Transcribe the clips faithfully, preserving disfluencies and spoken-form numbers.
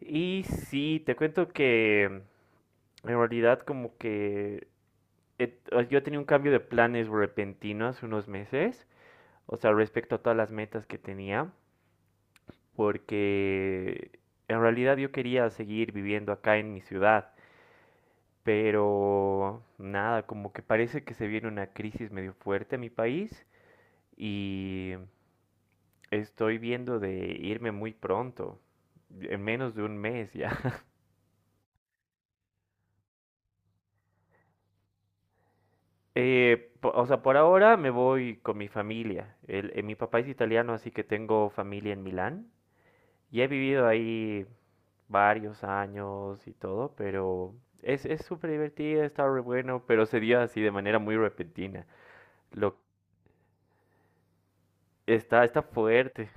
Y sí, te cuento que mm, en realidad como que he- o- yo tenía un cambio de planes repentino hace unos meses, o sea, respecto a todas las metas que tenía, porque en realidad yo quería seguir viviendo acá en mi ciudad, pero nada, como que parece que se viene una crisis medio fuerte en mi país y estoy viendo de irme muy pronto, en menos de un mes ya. Eh, po- o sea, por ahora me voy con mi familia. El- eh, mi papá es italiano, así que tengo familia en Milán. Y he vivido ahí varios años y todo, pero es, es súper divertido, está re bueno, pero se dio así de manera muy repentina. Lo, está, está fuerte.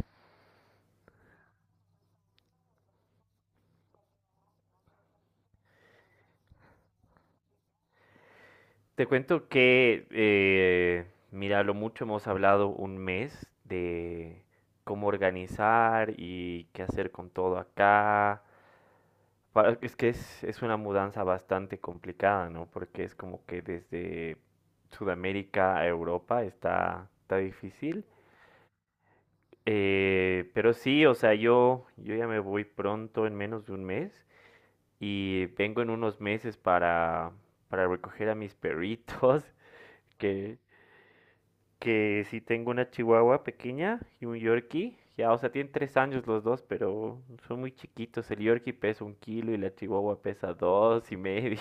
Te cuento que, eh, mira, lo mucho hemos hablado un mes de cómo organizar y qué hacer con todo acá. Para- Es que es, es una mudanza bastante complicada, ¿no? Porque es como que desde Sudamérica a Europa está, está difícil. Eh, pero sí, o sea, yo, yo ya me voy pronto, en menos de un mes, y vengo en unos meses para, para recoger a mis perritos, que, que sí tengo una chihuahua pequeña y un yorkie. Ya, o sea, tienen tres años los dos, pero son muy chiquitos. El yorkie pesa un kilo y la chihuahua pesa dos y medio.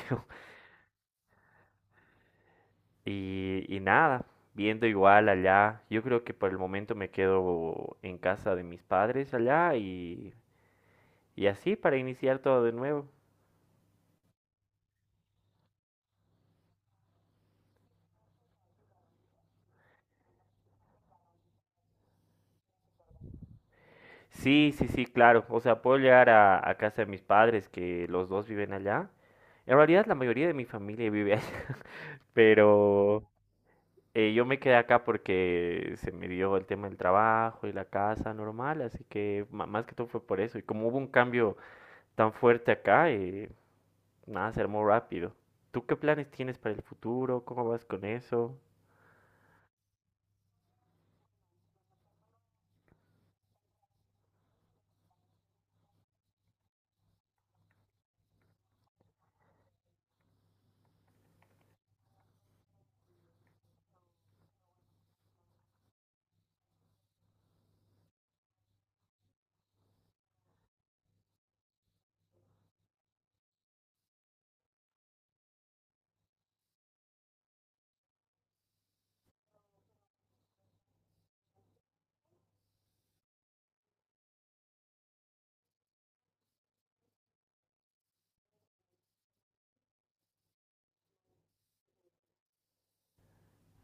Y, y nada, viendo igual allá, yo creo que por el momento me quedo en casa de mis padres allá y, y así para iniciar todo de nuevo. Sí, sí, sí, claro. O sea, puedo llegar a, a casa de mis padres, que los dos viven allá. En realidad la mayoría de mi familia vive allá, pero eh, yo me quedé acá porque se me dio el tema del trabajo y la casa normal, así que ma- más que todo fue por eso. Y como hubo un cambio tan fuerte acá, eh, nada, ser muy rápido. ¿Tú qué planes tienes para el futuro? ¿Cómo vas con eso?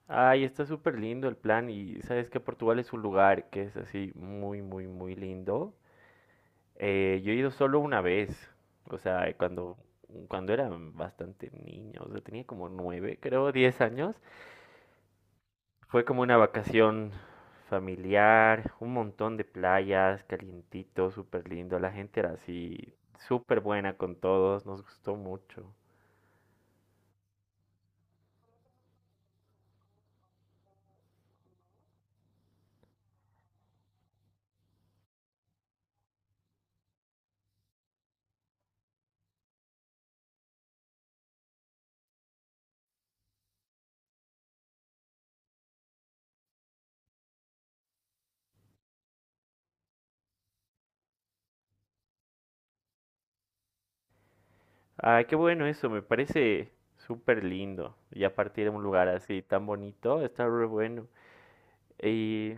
Ay, está súper lindo el plan y sabes que Portugal es un lugar que es así muy, muy, muy lindo. Eh, yo he ido solo una vez, o sea, cuando, cuando era bastante niño, o sea, tenía como nueve, creo, diez años. Fue como una vacación familiar, un montón de playas, calientito, súper lindo. La gente era así, súper buena con todos, nos gustó mucho. Ah, qué bueno eso, me parece súper lindo. Y a partir de un lugar así tan bonito, está re bueno. Y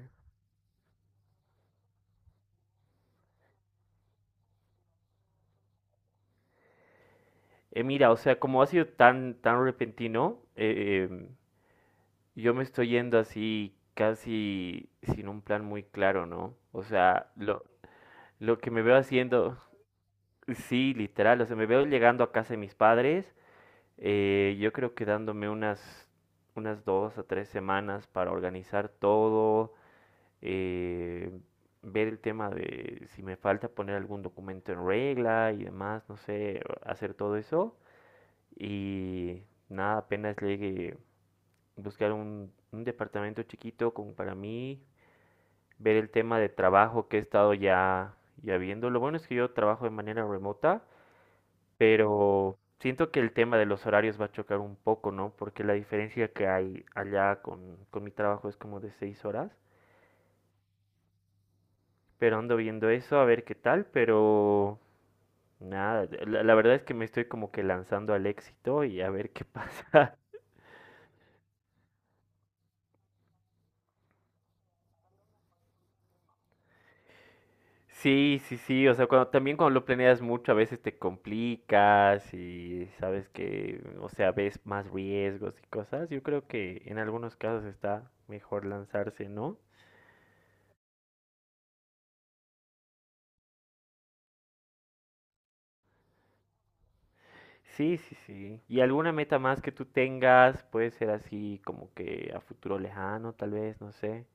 eh, mira, o sea, como ha sido tan, tan repentino, eh, em, yo me estoy yendo así casi sin un plan muy claro, ¿no? O sea, lo, lo que me veo haciendo, sí, literal, o sea, me veo llegando a casa de mis padres, eh, yo creo que dándome unas, unas dos a tres semanas para organizar todo, eh, ver el tema de si me falta poner algún documento en regla y demás, no sé, hacer todo eso. Y nada, apenas llegue, buscar un, un departamento chiquito como para mí, ver el tema de trabajo que he estado ya, ya viendo. Lo bueno es que yo trabajo de manera remota, pero siento que el tema de los horarios va a chocar un poco, ¿no? Porque la diferencia que hay allá con, con mi trabajo es como de seis horas. Pero ando viendo eso, a ver qué tal, pero nada, la, la, verdad es que me estoy como que lanzando al éxito y a ver qué pasa. Sí, sí, sí, o sea, cuando, también cuando lo planeas mucho a veces te complicas y sabes que, o sea, ves más riesgos y cosas. Yo creo que en algunos casos está mejor lanzarse, ¿no? Sí, sí, sí. ¿Y alguna meta más que tú tengas? Puede ser así como que a futuro lejano, tal vez, no sé.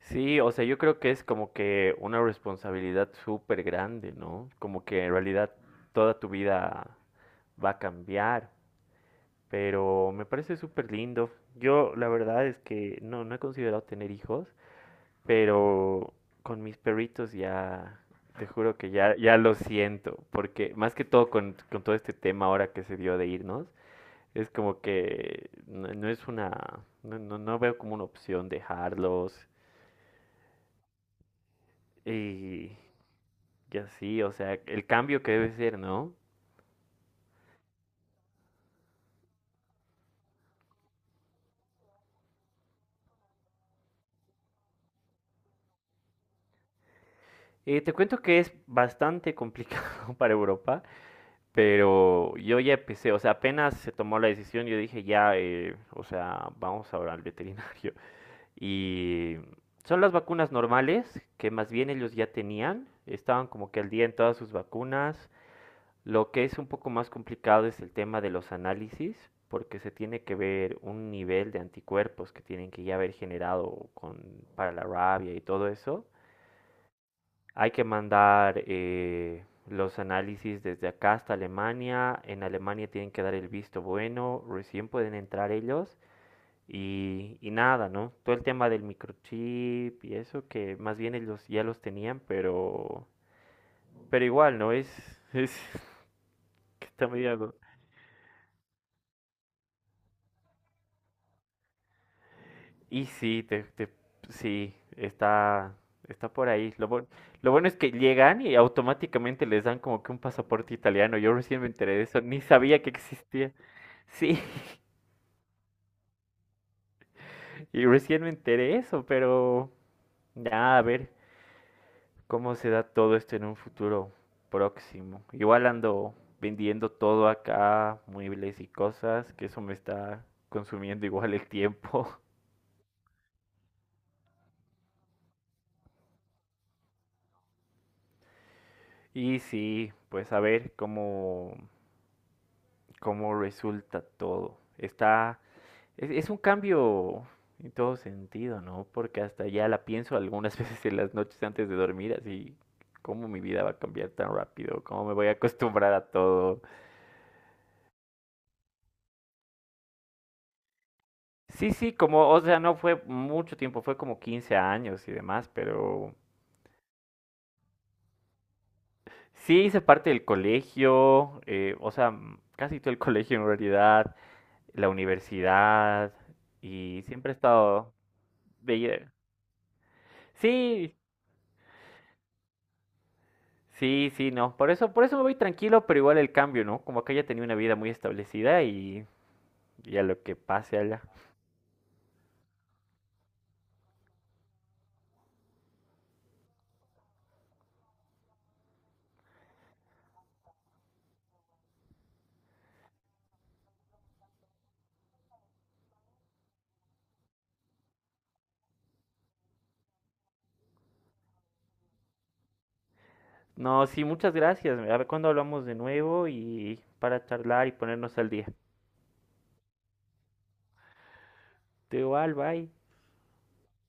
Sí, o sea, yo creo que es como que una responsabilidad súper grande, ¿no? Como que en realidad toda tu vida va a cambiar, pero me parece súper lindo. Yo la verdad es que no, no he considerado tener hijos, pero con mis perritos ya, te juro que ya, ya lo siento, porque más que todo con, con todo este tema ahora que se dio de irnos, es como que no, no es una, no, no no veo como una opción dejarlos. Y Ya sí, o sea, el cambio que debe ser, ¿no? Eh, te cuento que es bastante complicado para Europa, pero yo ya empecé, o sea, apenas se tomó la decisión, yo dije ya, eh, o sea, vamos ahora al veterinario. Y son las vacunas normales, que más bien ellos ya tenían, estaban como que al día en todas sus vacunas. Lo que es un poco más complicado es el tema de los análisis, porque se tiene que ver un nivel de anticuerpos que tienen que ya haber generado con, para la rabia y todo eso. Hay que mandar eh, los análisis desde acá hasta Alemania. En Alemania tienen que dar el visto bueno, recién pueden entrar ellos. Y, y nada, ¿no? Todo el tema del microchip y eso, que más bien ellos ya los tenían, pero, pero, igual, ¿no? Es, es que está medio. Y sí, te, te- sí, está, está por ahí. Lo, bu- lo bueno es que llegan y automáticamente les dan como que un pasaporte italiano. Yo recién me enteré de eso, ni sabía que existía. Sí, y recién me enteré de eso, pero nada, a ver cómo se da todo esto en un futuro próximo. Igual ando vendiendo todo acá, muebles y cosas, que eso me está consumiendo igual el tiempo. Y sí, pues a ver cómo cómo resulta todo. Está, es, es un cambio en todo sentido, ¿no? Porque hasta ya la pienso algunas veces en las noches antes de dormir, así, cómo mi vida va a cambiar tan rápido, cómo me voy a acostumbrar a todo. Sí, sí, como, o sea, no fue mucho tiempo, fue como quince años y demás, pero sí hice parte del colegio, eh, o sea, m- casi todo el colegio en realidad, la universidad, y siempre he estado... de- Sí, sí, sí, no. Por eso, por eso me voy tranquilo, pero igual el cambio, ¿no? Como acá ya tenía una vida muy establecida y, y a lo que pase allá. No, sí, muchas gracias. A ver cuándo hablamos de nuevo y para charlar y ponernos al día. Te igual, bye.